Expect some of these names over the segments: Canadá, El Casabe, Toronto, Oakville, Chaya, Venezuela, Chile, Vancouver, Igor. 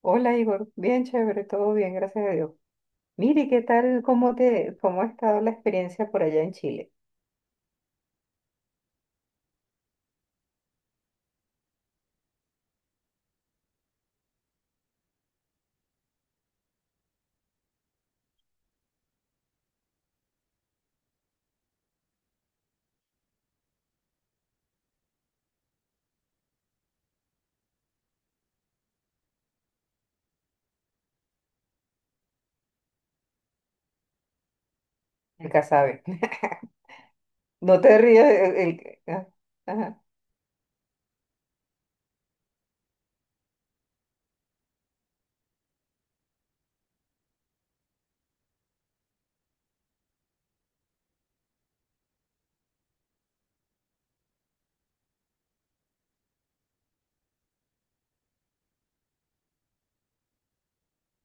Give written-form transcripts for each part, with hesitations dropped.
Hola Igor, bien chévere, todo bien, gracias a Dios. Mire, ¿qué tal? ¿Cómo ha estado la experiencia por allá en Chile? El Casabe. No te rías. Ajá,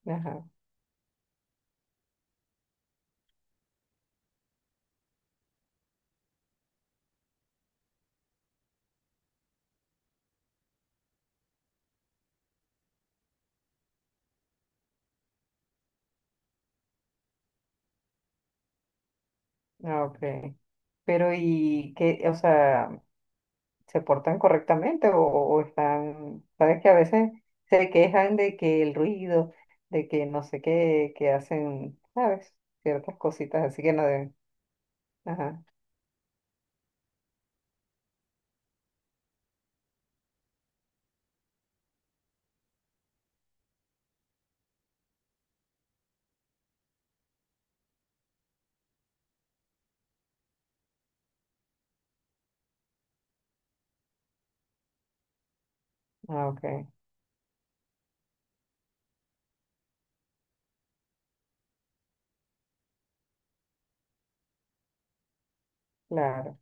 ajá, ah, ok. Pero ¿y qué? O sea, ¿se portan correctamente o están, sabes que a veces se quejan de que el ruido, de que no sé qué, que hacen, ¿sabes? Ciertas cositas así que no deben. Ajá, ah, ok, claro,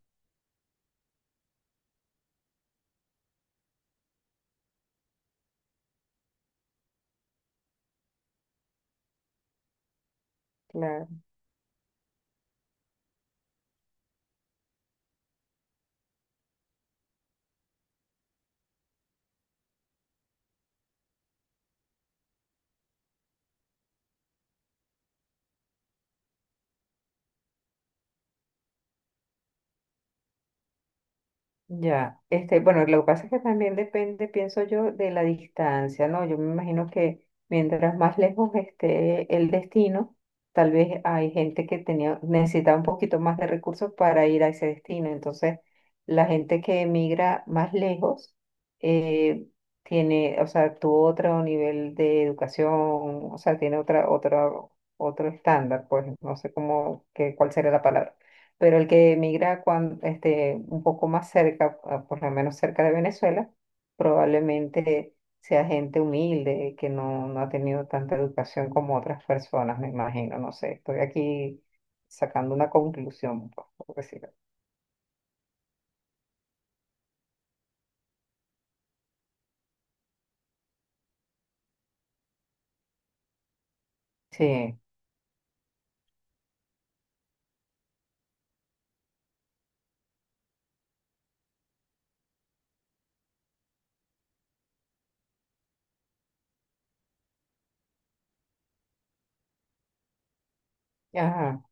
claro. Ya, este, bueno, lo que pasa es que también depende, pienso yo, de la distancia, ¿no? Yo me imagino que mientras más lejos esté el destino, tal vez hay gente que tenía, necesitaba un poquito más de recursos para ir a ese destino. Entonces, la gente que emigra más lejos, eh, tiene, o sea, tuvo otro nivel de educación, o sea, tiene otra, otro estándar, pues no sé cómo, que, cuál sería la palabra pero el que emigra un poco más cerca, a- por lo menos cerca de Venezuela, probablemente sea gente humilde, que no ha tenido tanta educación como otras personas, me imagino, no sé, estoy aquí sacando una conclusión, pues, por decirlo. Sí, ajá,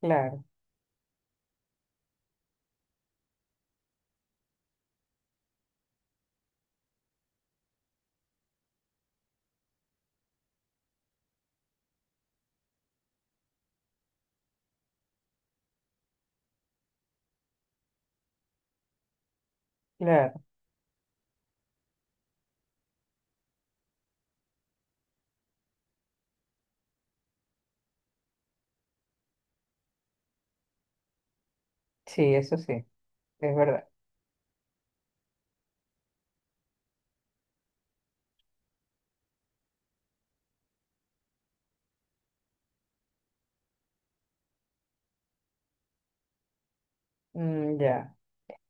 claro, claro, sí, eso sí, es verdad. Mm, ya,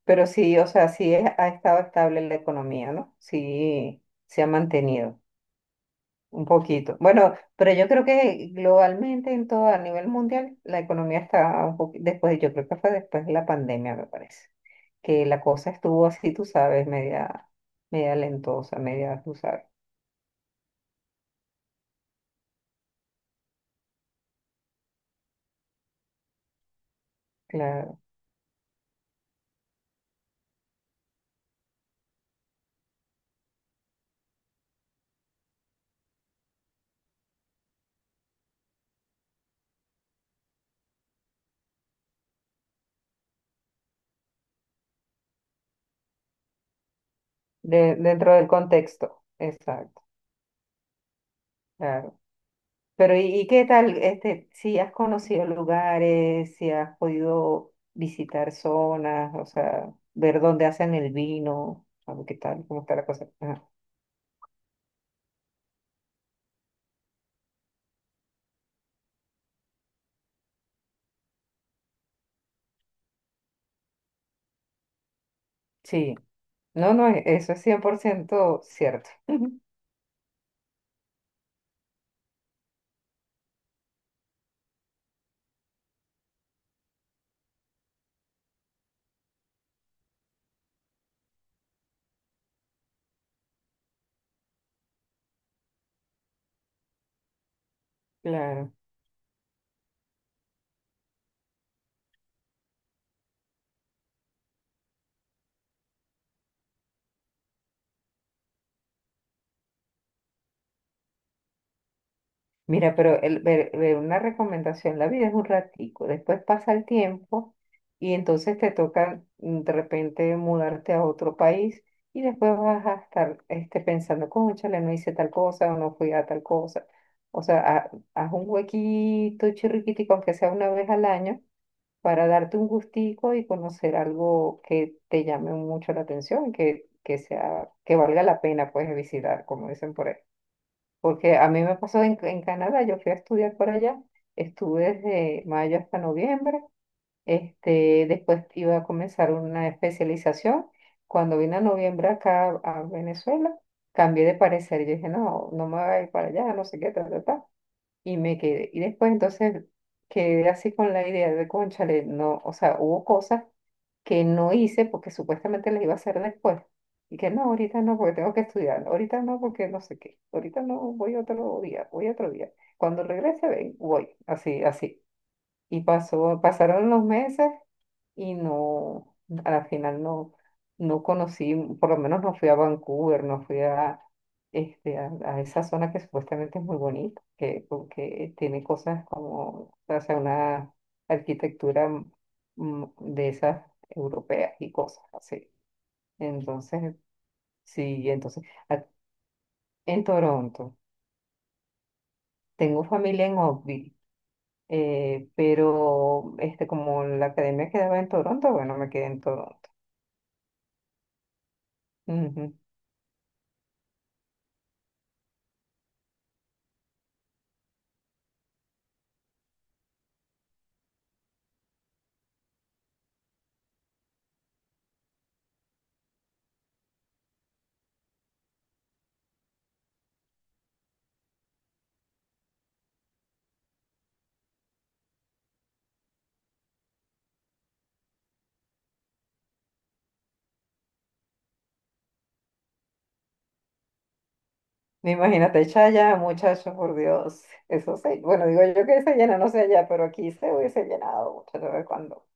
pero sí, o sea, sí es- ha estado estable la economía, ¿no? Sí, se ha mantenido. Un poquito. Bueno, pero yo creo que globalmente, en todo, a nivel mundial, la economía está un poquito, después, yo creo que fue después de la pandemia, me parece, que la cosa estuvo así, tú sabes, media, media lentosa, media, tú sabes, claro, de- dentro del contexto, exacto, claro. Pero, ¿y qué tal, este, si has conocido lugares, si has podido visitar zonas, o sea, ver dónde hacen el vino, a ver qué tal, cómo está la cosa? Ajá. Sí. No, no, e- eso es 100% cierto. Claro. Mira, pero el, ver una recomendación, la vida es un ratico, después pasa el tiempo y entonces te toca mm, de repente mudarte a otro país y después vas a estar este, pensando, cónchale, no hice tal cosa o no fui a tal cosa. O sea, ha- haz un huequito chirriquitico, aunque sea una vez al año, para darte un gustico y conocer algo que te llame mucho la atención, que sea, que valga la pena pues visitar, como dicen por ahí. Porque a mí me pasó en Canadá, yo fui a estudiar por allá, estuve desde mayo hasta noviembre, este, después iba a comenzar una especialización. Cuando vine a noviembre acá a Venezuela, cambié de parecer, yo dije, no, no me voy a ir para allá, no sé qué, tal, tal, tal y me quedé. Y después entonces quedé así con la idea de, cónchale, no, o sea, hubo cosas que no hice porque supuestamente las iba a hacer después. Y que no, ahorita no, porque tengo que estudiar, ahorita no, porque no sé qué, ahorita no, voy otro día, voy otro día. Cuando regrese, ven, voy, así, así. Y pasó, pasaron los meses y no, a la final no, no conocí, por lo menos no fui a Vancouver, no fui a, este, a esa zona que supuestamente es muy bonita, que, porque tiene cosas como, o sea, una arquitectura mm, de esas europeas y cosas así. Entonces, sí, entonces, a- en Toronto, tengo familia en Oakville pero este, como la academia quedaba en Toronto, bueno, me quedé en Toronto. Ujú. Imagínate, Chaya, muchacho, por Dios, eso se, bueno, digo yo que se llena, no sé allá, pero aquí se hubiese llenado, muchacho, ¿sabes cuándo?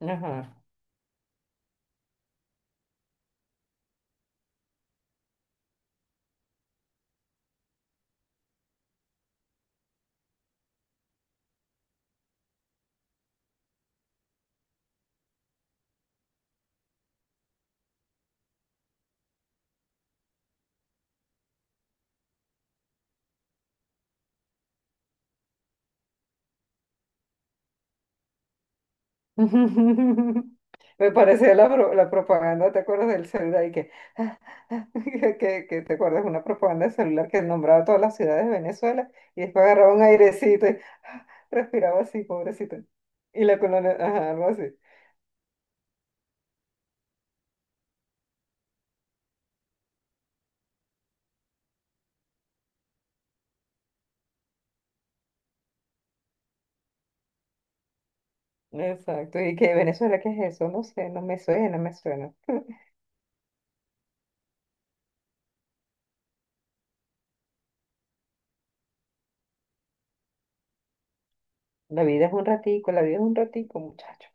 Ajá. Me parecía la, pro- la propaganda, ¿te acuerdas del celular? Y que, que te acuerdas una propaganda de celular que nombraba todas las ciudades de Venezuela y después agarraba un airecito y respiraba así, pobrecito. Y la colonia, ajá, algo así. Exacto, y que Venezuela, ¿qué es eso? No sé, no me suena, no me suena. La vida es un ratico, la vida es un ratico, muchacho.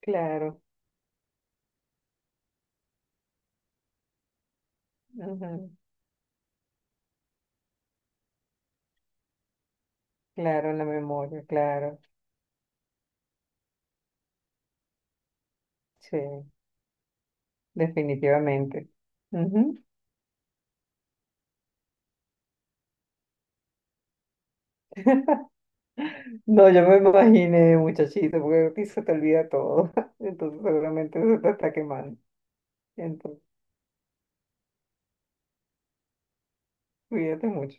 Claro, ujú, claro, la memoria, claro, sí, definitivamente. Ujú. No, yo me imaginé, muchachito, porque a ti se te olvida todo, entonces seguramente eso te está quemando. Entonces, cuídate mucho.